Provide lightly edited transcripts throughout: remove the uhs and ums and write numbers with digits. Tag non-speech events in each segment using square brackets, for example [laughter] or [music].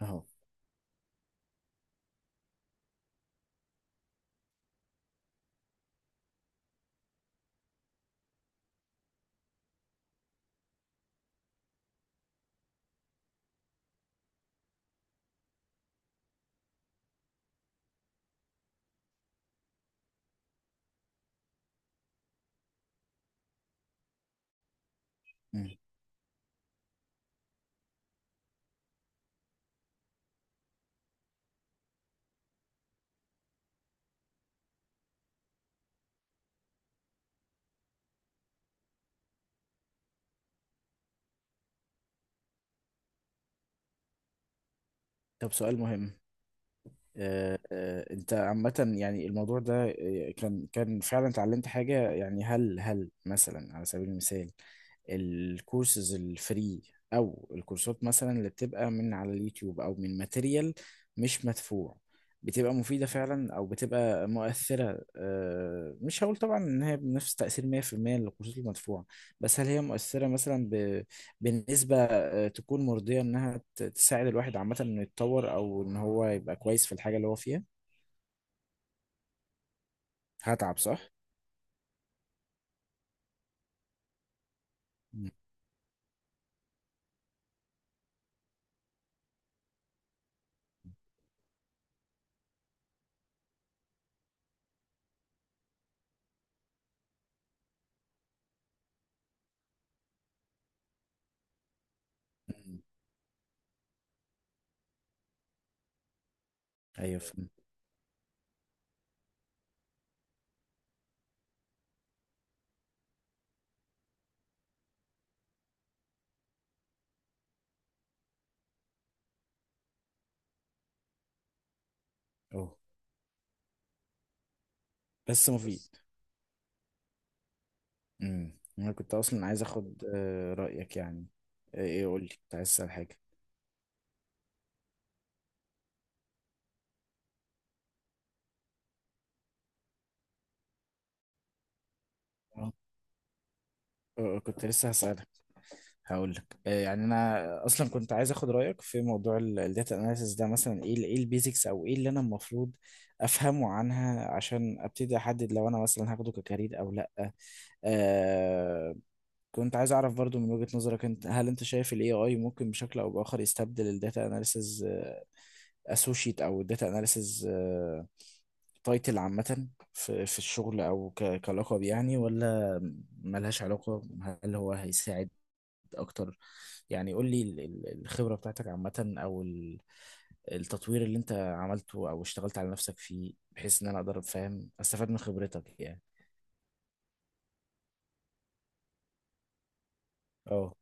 اهو. مم. طب، سؤال مهم. انت عامة يعني الموضوع ده، كان فعلا اتعلمت حاجة، يعني هل مثلا على سبيل المثال الكورسز الفري او الكورسات مثلا اللي بتبقى من على اليوتيوب او من ماتيريال مش مدفوع، بتبقى مفيدة فعلا او بتبقى مؤثرة؟ مش هقول طبعا ان هي بنفس تأثير 100% للكورسات المدفوعة، بس هل هي مؤثرة مثلا بنسبة تكون مرضية إنها تساعد الواحد عامة إنه يتطور أو إن هو يبقى كويس في الحاجة اللي هو فيها؟ هتعب صح؟ مم. أيوه، فهمت. أه، بس مفيد بس. مم. أنا كنت أصلا عايز أخد رأيك يعني. إيه، قول لي، كنت عايز أسأل حاجة. أه. كنت لسه هسألك. هقول لك، يعني أنا أصلا كنت عايز أخد رأيك في موضوع الداتا أناليسيس ده، مثلا إيه إيه البيزكس أو إيه اللي أنا المفروض أفهمه عنها عشان أبتدي أحدد لو أنا مثلا هاخده ككارير أو لأ. آه، كنت عايز اعرف برضو من وجهة نظرك انت، هل انت شايف الاي اي ممكن بشكل او باخر يستبدل الداتا اناليسز اسوشيت او الداتا اناليسز تايتل عامة في الشغل، او كلقب يعني، ولا ملهاش علاقة؟ هل هو هيساعد اكتر؟ يعني قول لي الخبرة بتاعتك عامة، او التطوير اللي انت عملته او اشتغلت على نفسك فيه، بحيث ان انا اقدر افهم استفاد من خبرتك يعني. اه،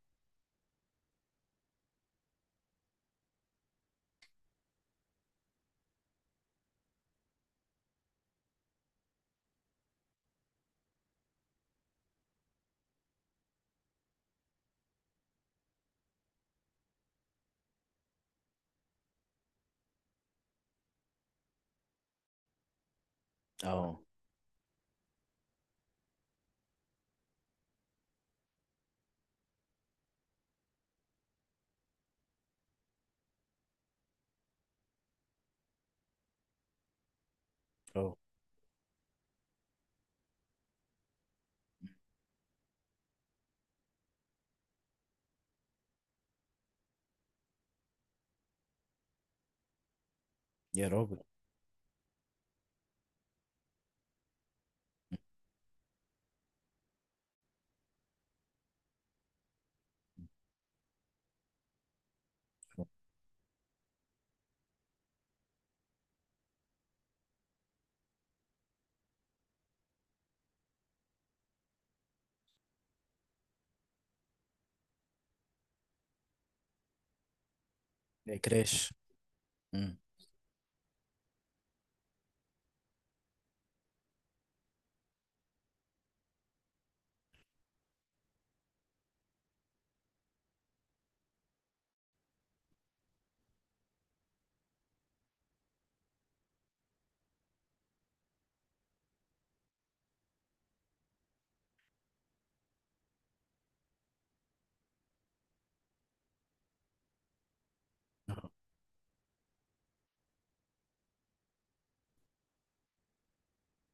اه، اه. يا راجل. كراش. مم.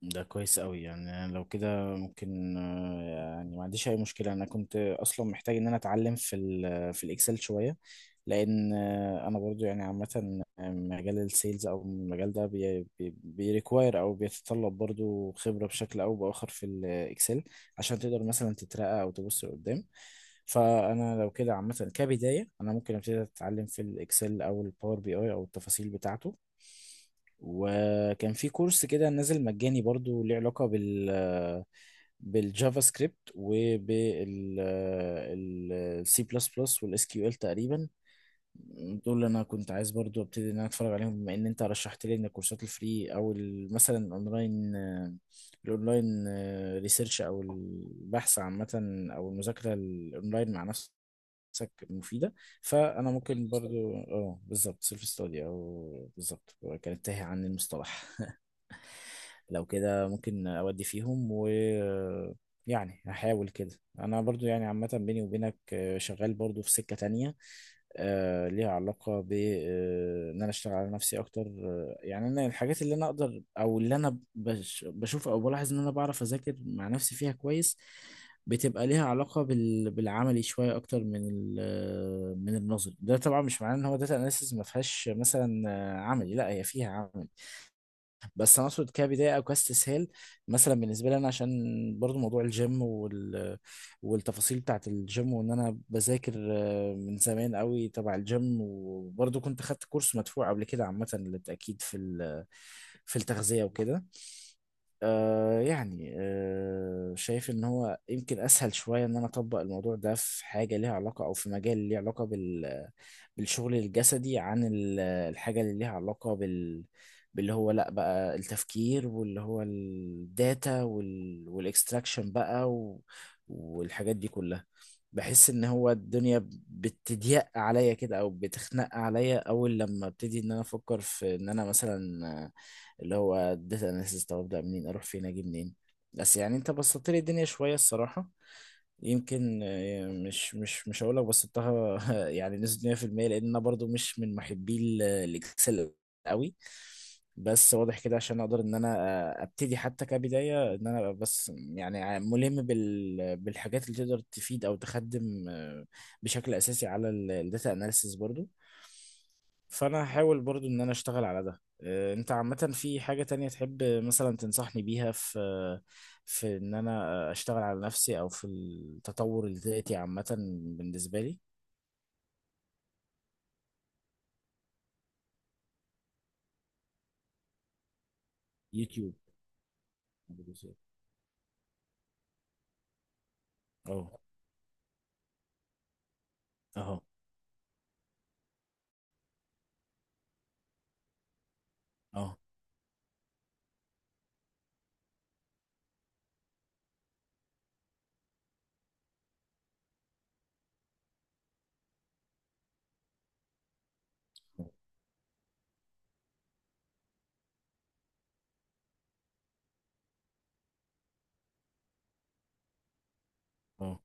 ده كويس قوي، يعني أنا لو كده ممكن، يعني ما عنديش اي مشكله، انا كنت اصلا محتاج ان انا اتعلم في الاكسل شويه، لان انا برضو يعني عامه، مجال السيلز او المجال ده بيريكواير او بيتطلب برضو خبره بشكل او باخر في الاكسل، عشان تقدر مثلا تترقى او تبص لقدام. فانا لو كده عامه كبدايه، انا ممكن ابتدي اتعلم في الاكسل او الباور بي اي او التفاصيل بتاعته. وكان في كورس كده نازل مجاني برضو ليه علاقة بالجافا سكريبت وبالسي بلس بلس والاس كيو ال تقريبا. دول اللي انا كنت عايز برضو ابتدي ان انا اتفرج عليهم، بما ان انت رشحت لي ان الكورسات الفري او مثلا الاونلاين ريسيرش او البحث عامة، او المذاكرة الاونلاين مع نفسك مفيده. فانا ممكن برضو اه، بالظبط سيلف ستادي، او بالظبط كانت تاهي عن المصطلح. لو كده ممكن اودي فيهم. و يعني هحاول كده. انا برضو يعني عامة، بيني وبينك، شغال برضو في سكة تانية، ليها علاقة ب ان انا اشتغل على نفسي اكتر. يعني انا الحاجات اللي انا اقدر او اللي انا بشوف او بلاحظ ان انا بعرف اذاكر مع نفسي فيها كويس، بتبقى ليها علاقة بالعملي شوية أكتر من النظري. ده طبعا مش معناه إن هو داتا أناليسيز ما فيهاش مثلا عملي، لا، هي فيها عملي، بس انا اقصد كبدايه او كاستسهال. مثلا بالنسبه لي انا، عشان برضو موضوع الجيم والتفاصيل بتاعت الجيم، وان انا بذاكر من زمان قوي تبع الجيم، وبرضو كنت خدت كورس مدفوع قبل كده عامه للتاكيد في التغذيه وكده. شايف ان هو يمكن اسهل شويه ان انا اطبق الموضوع ده في حاجه ليها علاقه او في مجال ليه علاقه بالشغل الجسدي عن الحاجة اللي ليها علاقة باللي هو لا، بقى التفكير، واللي هو الداتا والاكستراكشن بقى، و... والحاجات دي كلها. بحس ان هو الدنيا بتضيق عليا كده او بتخنق عليا اول لما ابتدي ان انا افكر في ان انا مثلا اللي هو داتا اناليسيس، طب ابدا منين، اروح فين، اجي منين؟ بس يعني انت بسطت لي الدنيا شوية الصراحة. يمكن مش هقول لك بسطتها [laughs] يعني نسبة 100%، لان انا برضو مش من محبي الاكسل قوي. بس واضح كده، عشان اقدر ان انا ابتدي حتى كبداية ان انا أبقى، بس يعني، ملم بالحاجات اللي تقدر تفيد او تخدم بشكل اساسي على الداتا اناليسيس برضو. فانا هحاول برضو ان انا اشتغل على ده. انت عامة في حاجة تانية تحب مثلا تنصحني بيها في ان انا اشتغل على نفسي او في التطور الذاتي عامة بالنسبة لي؟ يوتيوب. اه. اهو. اهو. اهو.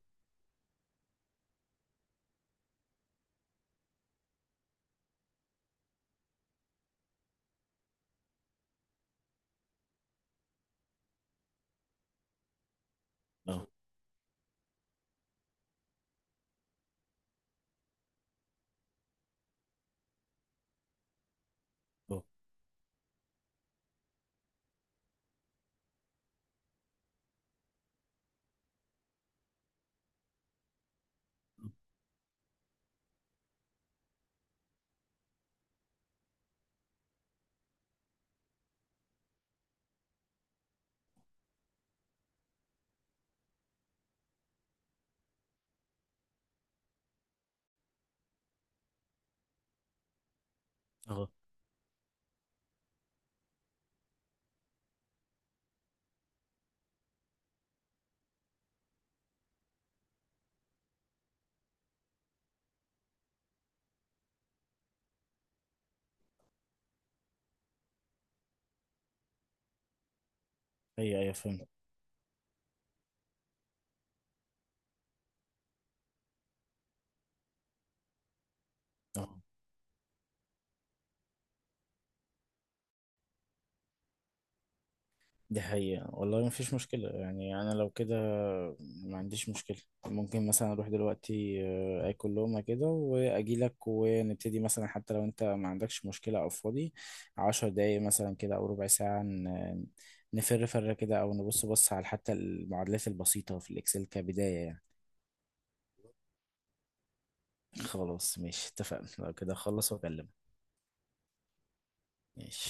اهو. اهو. اهو. هي فهمت. دي حقيقة والله، ما فيش مشكلة، يعني أنا لو كده ما عنديش مشكلة. ممكن مثلا أروح دلوقتي آكل لقمة كده وأجيلك، ونبتدي مثلا، حتى لو أنت ما عندكش مشكلة أو فاضي، 10 دقايق مثلا كده أو ربع ساعة، نفر فرة كده، أو بص على حتى المعادلات البسيطة في الإكسل كبداية يعني. خلاص ماشي، اتفقنا، لو كده أخلص وأكلمك. ماشي.